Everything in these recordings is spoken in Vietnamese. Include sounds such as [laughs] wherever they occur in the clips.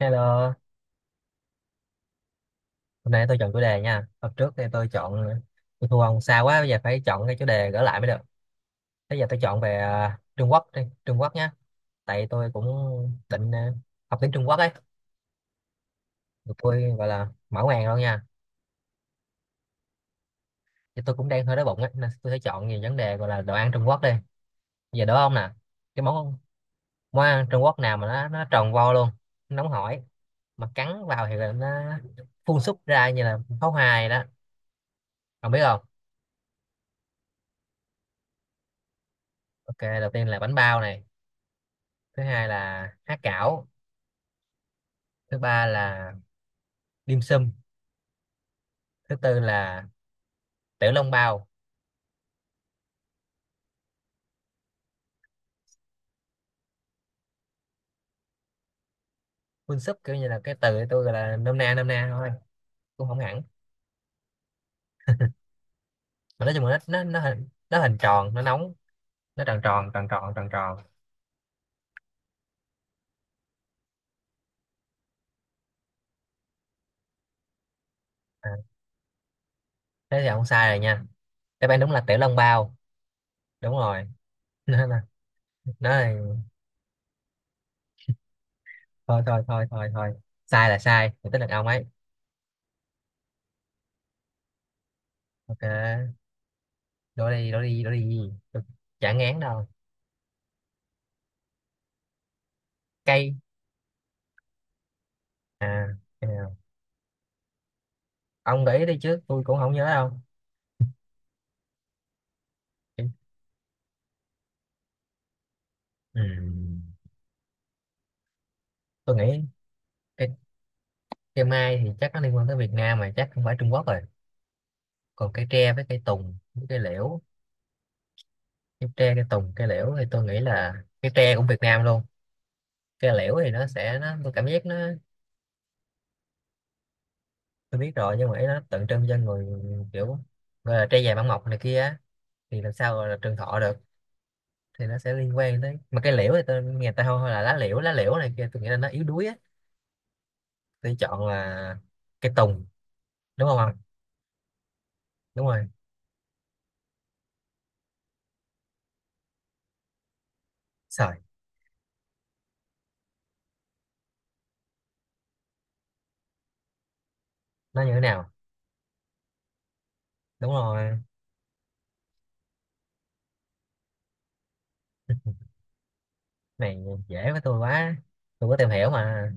Hello, hôm nay tôi chọn chủ đề nha. Hôm trước thì tôi chọn tôi thua ông xa quá, bây giờ phải chọn cái chủ đề gỡ lại mới được. Bây giờ tôi chọn về Trung Quốc đi, Trung Quốc nhá. Tại tôi cũng định học tiếng Trung Quốc ấy. Tụi tôi gọi là mở màn luôn nha. Thì tôi cũng đang hơi đói bụng ấy, nên tôi sẽ chọn về vấn đề gọi là đồ ăn Trung Quốc đi. Bây giờ đố ông nè, cái món món ăn Trung Quốc nào mà nó tròn vo luôn, nó nóng hổi, mà cắn vào thì là nó phun súc ra như là pháo hoa vậy đó. Ông biết không? Ok, đầu tiên là bánh bao này, thứ hai là há cảo, thứ ba là dim sum, thứ tư là tiểu long bao. Quân súp kiểu như là cái từ tôi gọi là nôm na thôi, cũng không hẳn, mà nói chung là nó hình tròn nó nóng, nó tròn tròn tròn tròn tròn tròn. à, Thế thì không sai rồi nha. Đáp án đúng là tiểu long bao. Đúng rồi. [laughs] nó là nó là thôi thôi thôi thôi thôi, sai là sai thì tính là ông ấy. Ok, đổ đi đổ đi đổ đi, tôi chả ngán đâu. Cây à cây nào? Ông gợi ý đi chứ tôi cũng không nhớ đâu. Ừ, tôi nghĩ cây, cây mai thì chắc nó liên quan tới Việt Nam mà chắc không phải Trung Quốc rồi. Còn cây tre với cây tùng với cây liễu, cây tre cây tùng cây liễu, thì tôi nghĩ là cây tre cũng Việt Nam luôn. Cây liễu thì nó sẽ nó tôi cảm giác nó... Tôi biết rồi, nhưng mà ý nó tượng trưng cho người, kiểu gọi là tre già bản mộc này kia á, thì làm sao gọi là trường thọ được, thì nó sẽ liên quan tới. Mà cây liễu thì tôi nghe ta hô là lá liễu này kia, tôi nghĩ là nó yếu đuối á. Tôi chọn là cây tùng, đúng không ạ? Đúng rồi. Sợi nó như thế nào? Đúng rồi này, dễ với tôi quá, tôi có tìm hiểu mà.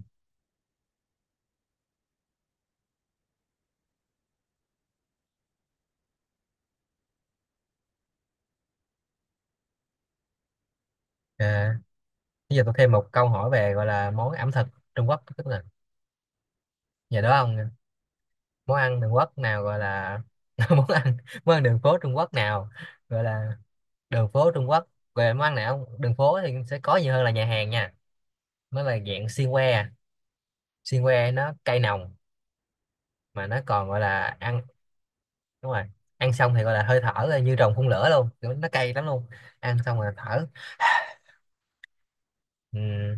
à, Bây giờ tôi thêm một câu hỏi về gọi là món ẩm thực Trung Quốc, tức là giờ đó ông, món ăn đường quốc nào gọi là [laughs] món ăn, món ăn đường phố Trung Quốc nào gọi là đường phố Trung Quốc về món ăn nào không? Đường phố thì sẽ có nhiều hơn là nhà hàng nha. Mới là dạng xiên que, xiên que nó cay nồng, mà nó còn gọi là ăn, đúng rồi, ăn xong thì gọi là hơi thở là như rồng phun lửa luôn, kiểu nó cay lắm luôn, ăn xong là thở. Ừ.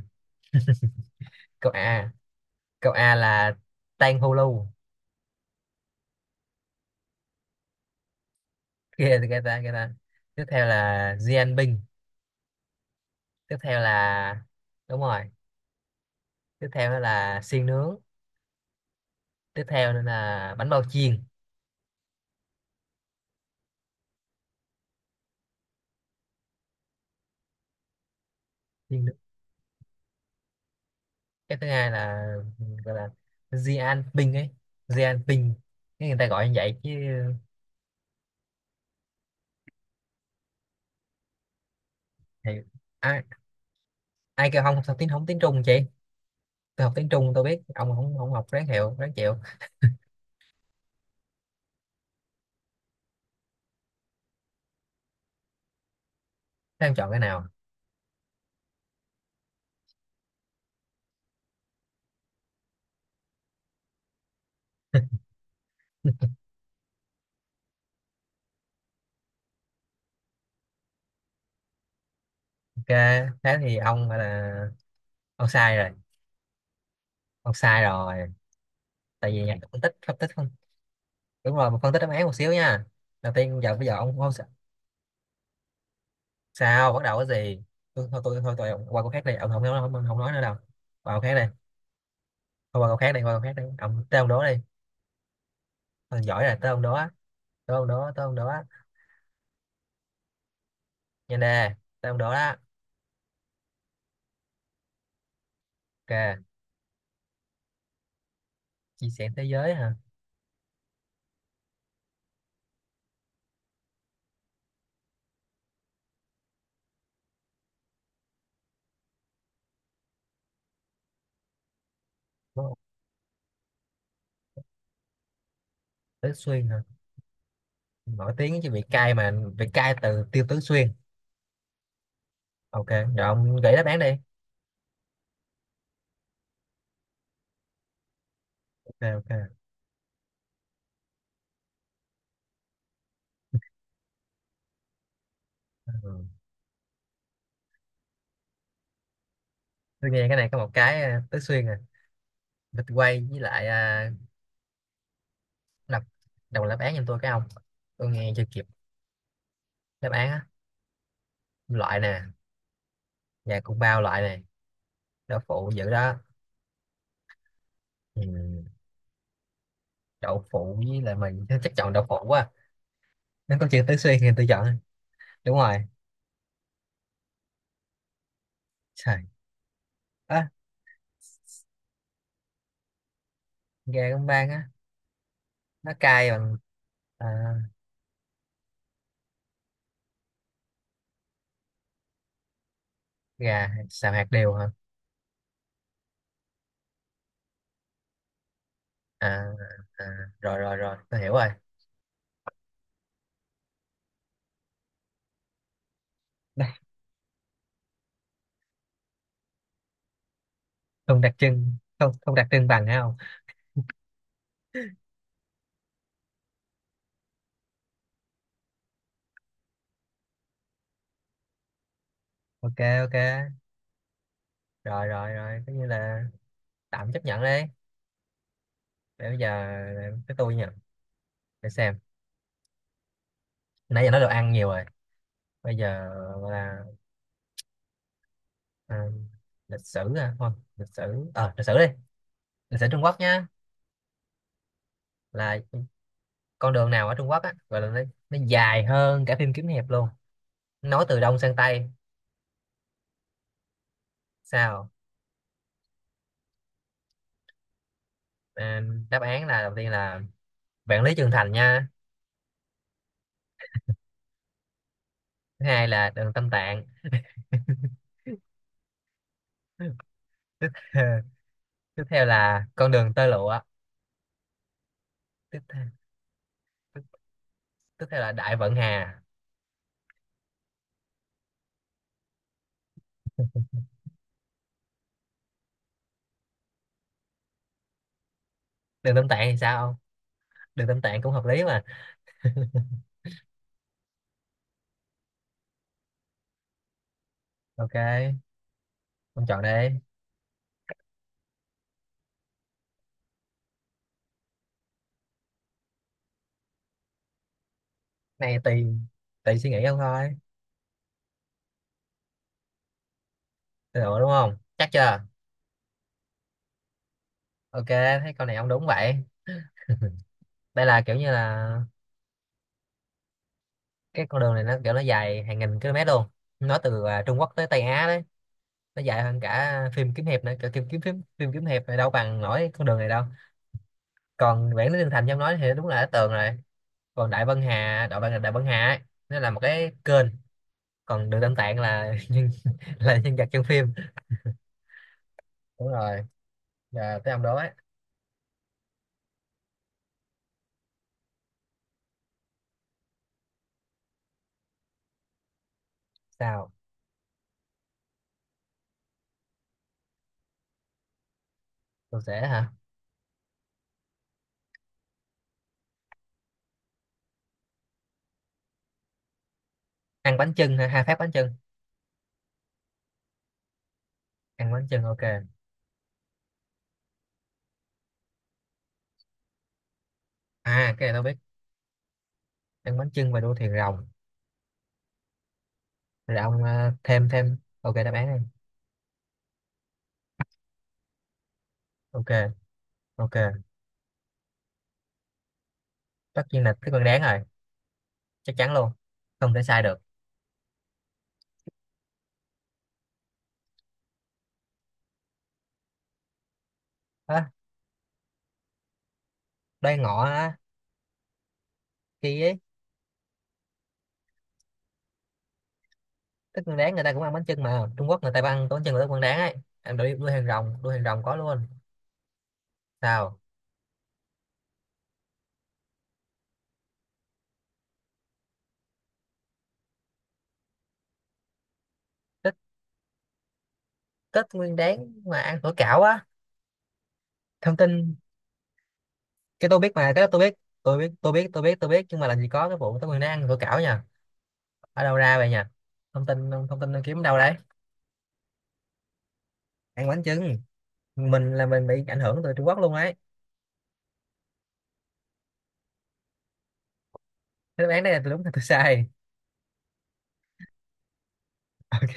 Câu a, câu A là Tang Hulu, kia thì kia ta kia ta. Tiếp theo là Binh. Tiếp theo là đúng rồi. Tiếp theo đó là xiên nướng. Tiếp theo nữa là bánh bao chiên. Xiên nướng. Cái thứ hai là gọi là Binh ấy, Binh, cái người ta gọi như vậy chứ. Thì ai, ai kêu không học tiếng, không tiếng Trung chị. Tôi học tiếng Trung tôi biết, ông không không học ráng hiệu ráng chịu. Thế em chọn cái nào? Ok, thế thì ông gọi là ông sai rồi, ông sai rồi, tại vì nhạc phân tích phân tích. Đúng rồi, mình phân tích đáp án một xíu nha. Đầu tiên giờ bây giờ ông không. Sao bắt đầu cái gì? Tôi thôi tôi thôi tôi, ông qua câu khác đi, ông không nói, không, không nói nữa đâu. Qua câu khác đi. Thôi qua câu khác đi, qua câu khác đi, ông tới ông đố đi. Ông giỏi rồi tới ông đố á, tới ông đố á. Nhanh nè, tới ông đố đó. Ok. Chia sẻ thế giới hả? Đúng, Tứ Xuyên hả? Nổi tiếng chứ bị cay mà, bị cay từ Tiêu Tứ Xuyên. Ok rồi ông gửi đáp án đi. Ok ok. Ừ. Tôi nghe cái này có một cái Tứ Xuyên vịt quay với lại đọc, đọc đáp án giùm tôi cái ông, tôi nghe chưa kịp đáp án á. Loại nè, gà cũng bao loại này, đậu phụ dữ đó. Ừ, đậu phụ với lại mình chắc chọn đậu phụ quá, nó có chữ tứ xuyên thì tôi chọn. Đúng rồi. Trời á. Gà con bang á, nó cay bằng. À, gà xào hạt điều hả à, à, rồi rồi rồi tôi hiểu rồi. Đây, không đặc trưng, không không đặc trưng bằng hả? Không. Ok ok, rồi rồi rồi, coi như là tạm chấp nhận đấy. Để bây giờ tới tôi nha, để xem, nãy giờ nói đồ ăn nhiều rồi, bây giờ gọi là à, lịch sử à? Thôi lịch sử, ờ lịch sử đi, lịch sử Trung Quốc nhá. Là con đường nào ở Trung Quốc á gọi là nó dài hơn cả phim kiếm hiệp luôn, nói từ đông sang tây. Sao? à, đáp án là, đầu tiên là Vạn Lý Trường Thành nha, thứ hai là đường Tam Tạng [laughs] tiếp theo, tiếp theo là con đường tơ lụa, tiếp theo, tiếp, tiếp theo là Đại Vận Hà. Đường Tam Tạng thì sao không? Đường Tam Tạng cũng hợp lý mà. Ok, ông chọn đây. Này tùy, tùy suy nghĩ ông thôi. Được đúng không? Chắc chưa? Ok, thấy con này ông đúng vậy. Đây là kiểu như là cái con đường này nó kiểu nó dài hàng nghìn km luôn. Nó từ Trung Quốc tới Tây Á đấy. Nó dài hơn cả phim kiếm hiệp nữa. Kiểu phim kiếm phim kiếm hiệp này đâu bằng nổi con đường này đâu. Còn Vạn Lý Trường Thành trong nói thì đúng là đã tường rồi. Còn Đại Vân Hà, Đại Vân Hà ấy, nó là một cái kênh. Còn đường Tam Tạng là [laughs] nhân, là nhân vật trong phim. Đúng rồi. Giờ tới ông đó ấy. Sao? Tôi sẽ hả? Ăn bánh chưng, hả? Hai phát bánh chưng. Ăn bánh chưng ok. À, cái này tôi biết, ăn bánh chưng và đua thuyền rồng. Rồi ông thêm thêm ok đáp án đi. Ok ok, tất nhiên là tết nguyên đáng rồi, chắc chắn luôn, không thể sai được. Á, đây ngọ á, kỳ ấy. Thức ăn đáng người ta cũng ăn bánh chưng mà, Trung Quốc người ta ăn bánh chưng của tết nguyên đáng ấy, ăn đuổi đuôi hàng rồng, đuôi hàng rồng có luôn. Sao? Tết tết nguyên đán mà ăn phở cảo á? Thông tin, cái tôi biết mà cái đó tôi biết, tôi biết tôi biết tôi biết tôi biết, nhưng mà làm gì có cái vụ Tết Nguyên Đán ăn phở cảo nha. Ở đâu ra vậy nha? Thông tin thông tin kiếm đâu đấy. Ăn bánh chưng. Mình là mình bị ảnh hưởng từ Trung Quốc luôn đấy. Thế đáp án này là tôi đúng hay tôi sai? [laughs] Ok,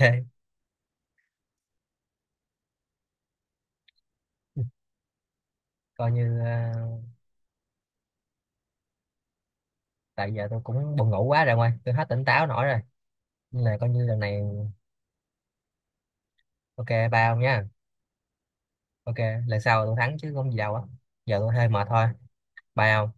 coi như tại giờ tôi cũng buồn ngủ quá rồi, ngoài tôi hết tỉnh táo nổi rồi, nên là coi như lần này. Ok, bao nha. Ok, lần sau tôi thắng chứ không gì đâu á, giờ tôi hơi mệt thôi, bao.